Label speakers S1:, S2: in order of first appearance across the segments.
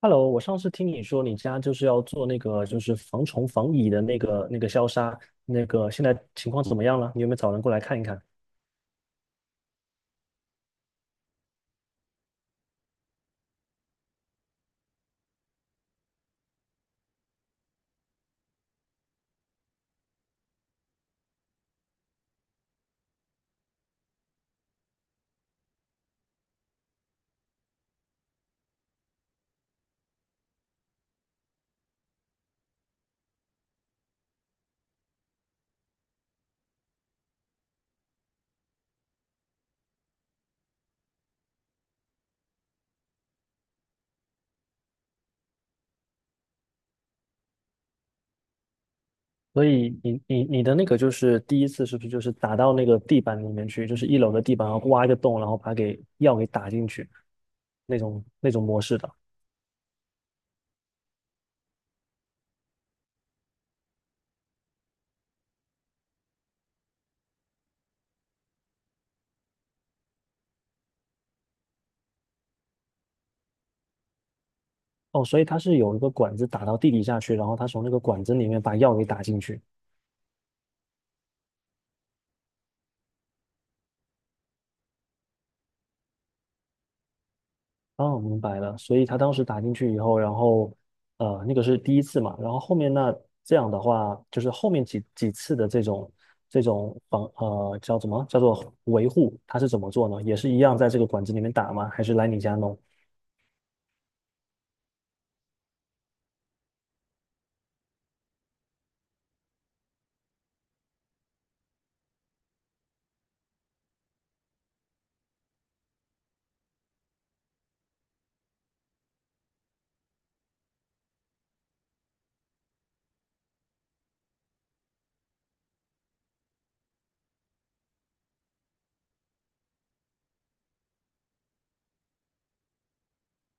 S1: Hello，我上次听你说你家就是要做那个就是防虫防蚁的那个消杀，那个现在情况怎么样了？你有没有找人过来看一看？所以你的那个就是第一次是不是就是打到那个地板里面去，就是一楼的地板，然后挖一个洞，然后把给药给打进去，那种模式的。哦，所以它是有一个管子打到地底下去，然后它从那个管子里面把药给打进去。哦，明白了。所以他当时打进去以后，然后那个是第一次嘛，然后后面那这样的话，就是后面几次的这种叫什么叫做维护，他是怎么做呢？也是一样在这个管子里面打吗？还是来你家弄？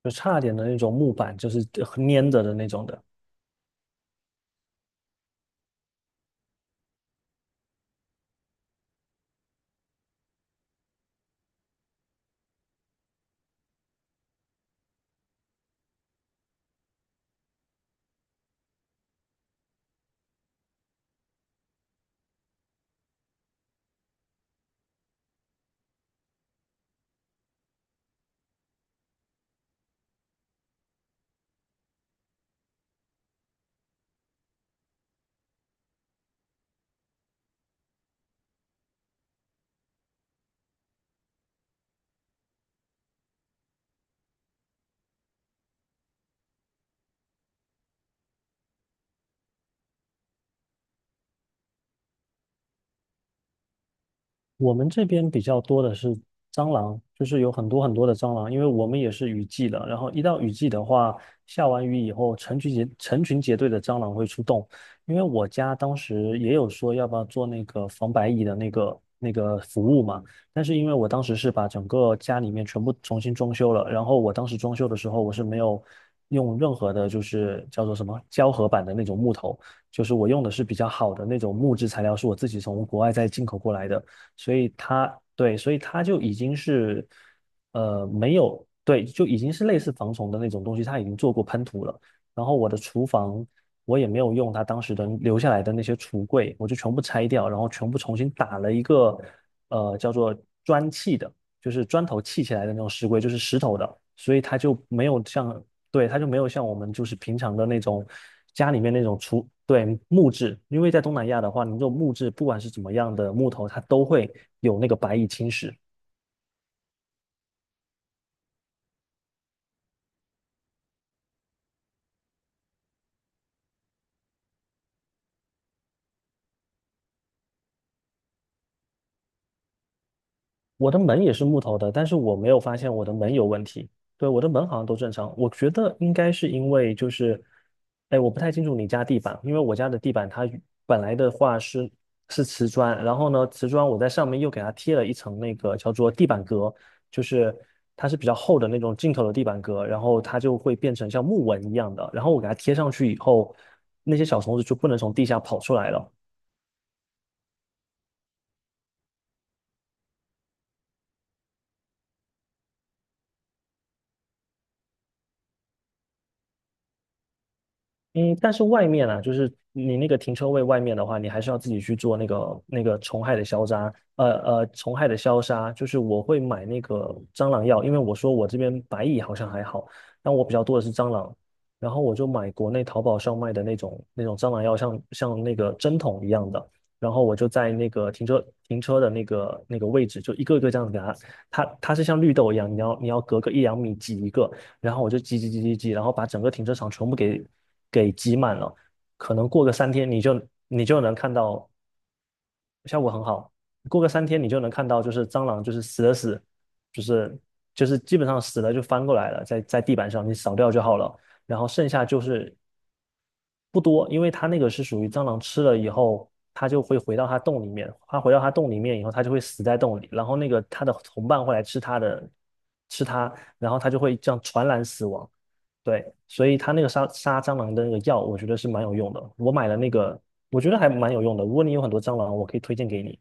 S1: 就差点的那种木板，就是粘着的那种的。我们这边比较多的是蟑螂，就是有很多很多的蟑螂，因为我们也是雨季的。然后一到雨季的话，下完雨以后，成群结队的蟑螂会出动。因为我家当时也有说要不要做那个防白蚁的那个服务嘛，但是因为我当时是把整个家里面全部重新装修了，然后我当时装修的时候我是没有用任何的，就是叫做什么胶合板的那种木头。就是我用的是比较好的那种木质材料，是我自己从国外再进口过来的。所以它对，所以它就已经是没有对，就已经是类似防虫的那种东西，它已经做过喷涂了。然后我的厨房我也没有用它当时的留下来的那些橱柜，我就全部拆掉，然后全部重新打了一个叫做砖砌的，就是砖头砌起来的那种石柜，就是石头的，所以它就没有像对，它就没有像我们就是平常的那种家里面那种厨，对，木质，因为在东南亚的话，你这种木质不管是怎么样的木头，它都会有那个白蚁侵蚀，我的门也是木头的，但是我没有发现我的门有问题。对，我的门好像都正常。我觉得应该是因为就是，哎，我不太清楚你家地板，因为我家的地板它与本来的话是瓷砖，然后呢，瓷砖我在上面又给它贴了一层那个叫做地板革，就是它是比较厚的那种进口的地板革，然后它就会变成像木纹一样的，然后我给它贴上去以后，那些小虫子就不能从地下跑出来了。嗯，但是外面啊，就是你那个停车位外面的话，你还是要自己去做那个虫害的消杀，虫害的消杀，就是我会买那个蟑螂药，因为我说我这边白蚁好像还好，但我比较多的是蟑螂，然后我就买国内淘宝上卖的那种蟑螂药像那个针筒一样的，然后我就在那个停车的那个位置，就一个一个这样子给它，它是像绿豆一样，你要隔个1、2米挤一个，然后我就挤挤挤挤挤，然后把整个停车场全部给挤满了。可能过个三天，你就能看到效果很好。过个三天，你就能看到，就是蟑螂就是死了，就是就是基本上死了就翻过来了，在地板上你扫掉就好了。然后剩下就是不多，因为它那个是属于蟑螂吃了以后，它就会回到它洞里面。它回到它洞里面以后，它就会死在洞里。然后那个它的同伴会来吃它的，吃它，然后它就会这样传染死亡。对，所以它那个杀蟑螂的那个药，我觉得是蛮有用的。我买了那个，我觉得还蛮有用的。如果你有很多蟑螂，我可以推荐给你。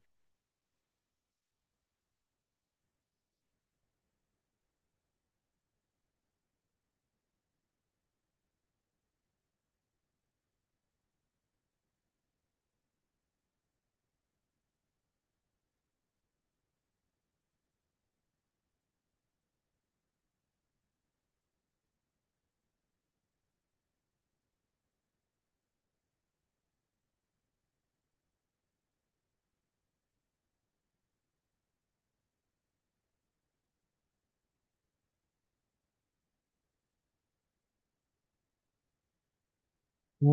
S1: 嗯，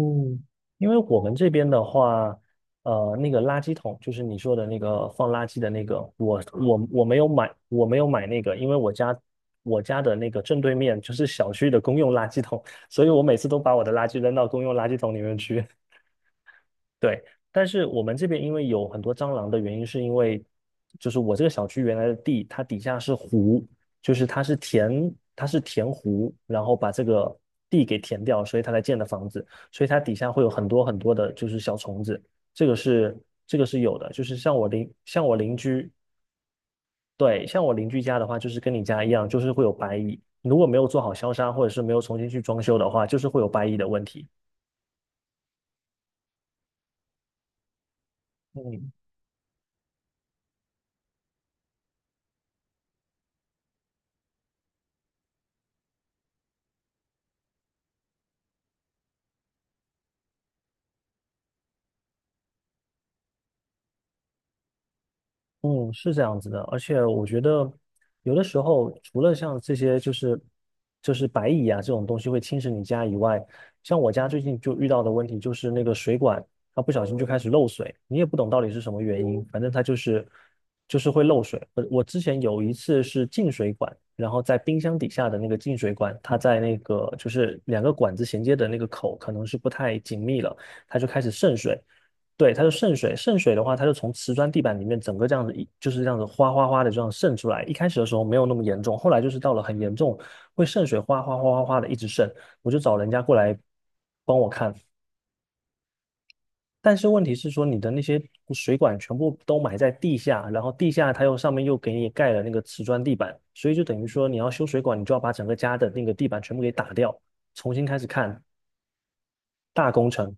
S1: 因为我们这边的话，那个垃圾桶就是你说的那个放垃圾的那个，我没有买，我没有买那个，因为我家的那个正对面就是小区的公用垃圾桶，所以我每次都把我的垃圾扔到公用垃圾桶里面去。对，但是我们这边因为有很多蟑螂的原因，是因为就是我这个小区原来的地，它底下是湖，就是它是填湖，然后把这个地给填掉，所以它才建的房子，所以它底下会有很多很多的就是小虫子，这个是这个是有的，就是像我邻居，对，像我邻居家的话，就是跟你家一样，就是会有白蚁，如果没有做好消杀或者是没有重新去装修的话，就是会有白蚁的问题。嗯嗯，是这样子的，而且我觉得有的时候，除了像这些就是白蚁啊这种东西会侵蚀你家以外，像我家最近就遇到的问题就是那个水管它不小心就开始漏水，你也不懂到底是什么原因，反正它就是会漏水。我之前有一次是进水管，然后在冰箱底下的那个进水管，它在那个就是两个管子衔接的那个口可能是不太紧密了，它就开始渗水。对，它是渗水，渗水的话，它就从瓷砖地板里面整个这样子就是这样子哗哗哗的这样渗出来。一开始的时候没有那么严重，后来就是到了很严重，会渗水哗哗哗哗哗的一直渗。我就找人家过来帮我看，但是问题是说你的那些水管全部都埋在地下，然后地下它又上面又给你盖了那个瓷砖地板，所以就等于说你要修水管，你就要把整个家的那个地板全部给打掉，重新开始看大工程。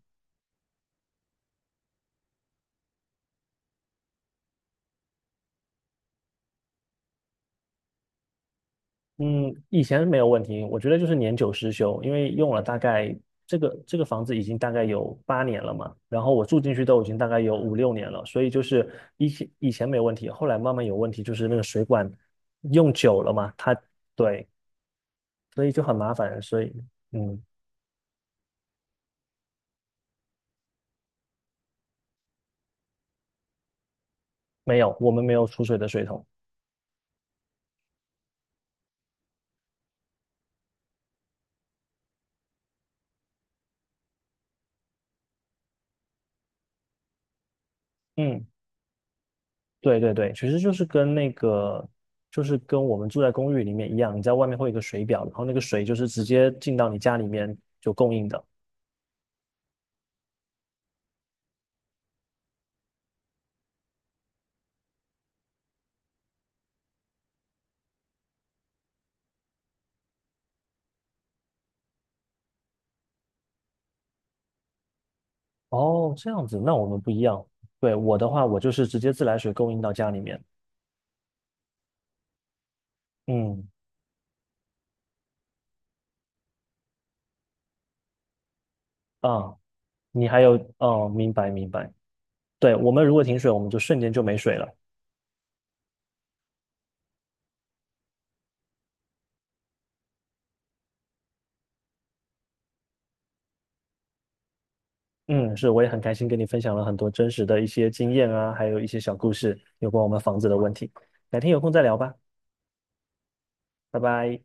S1: 嗯，以前没有问题，我觉得就是年久失修，因为用了大概这个房子已经大概有8年了嘛，然后我住进去都已经大概有5、6年了，所以就是以前没有问题，后来慢慢有问题，就是那个水管用久了嘛，它对，所以就很麻烦，所以嗯，没有，我们没有储水的水桶。嗯，对对对，其实就是跟那个，就是跟我们住在公寓里面一样，你在外面会有一个水表，然后那个水就是直接进到你家里面就供应的。哦，这样子，那我们不一样。对，我的话，我就是直接自来水供应到家里面。嗯，啊，你还有，哦，明白明白。对，我们如果停水，我们就瞬间就没水了。嗯，是，我也很开心跟你分享了很多真实的一些经验啊，还有一些小故事，有关我们房子的问题。改天有空再聊吧，拜拜。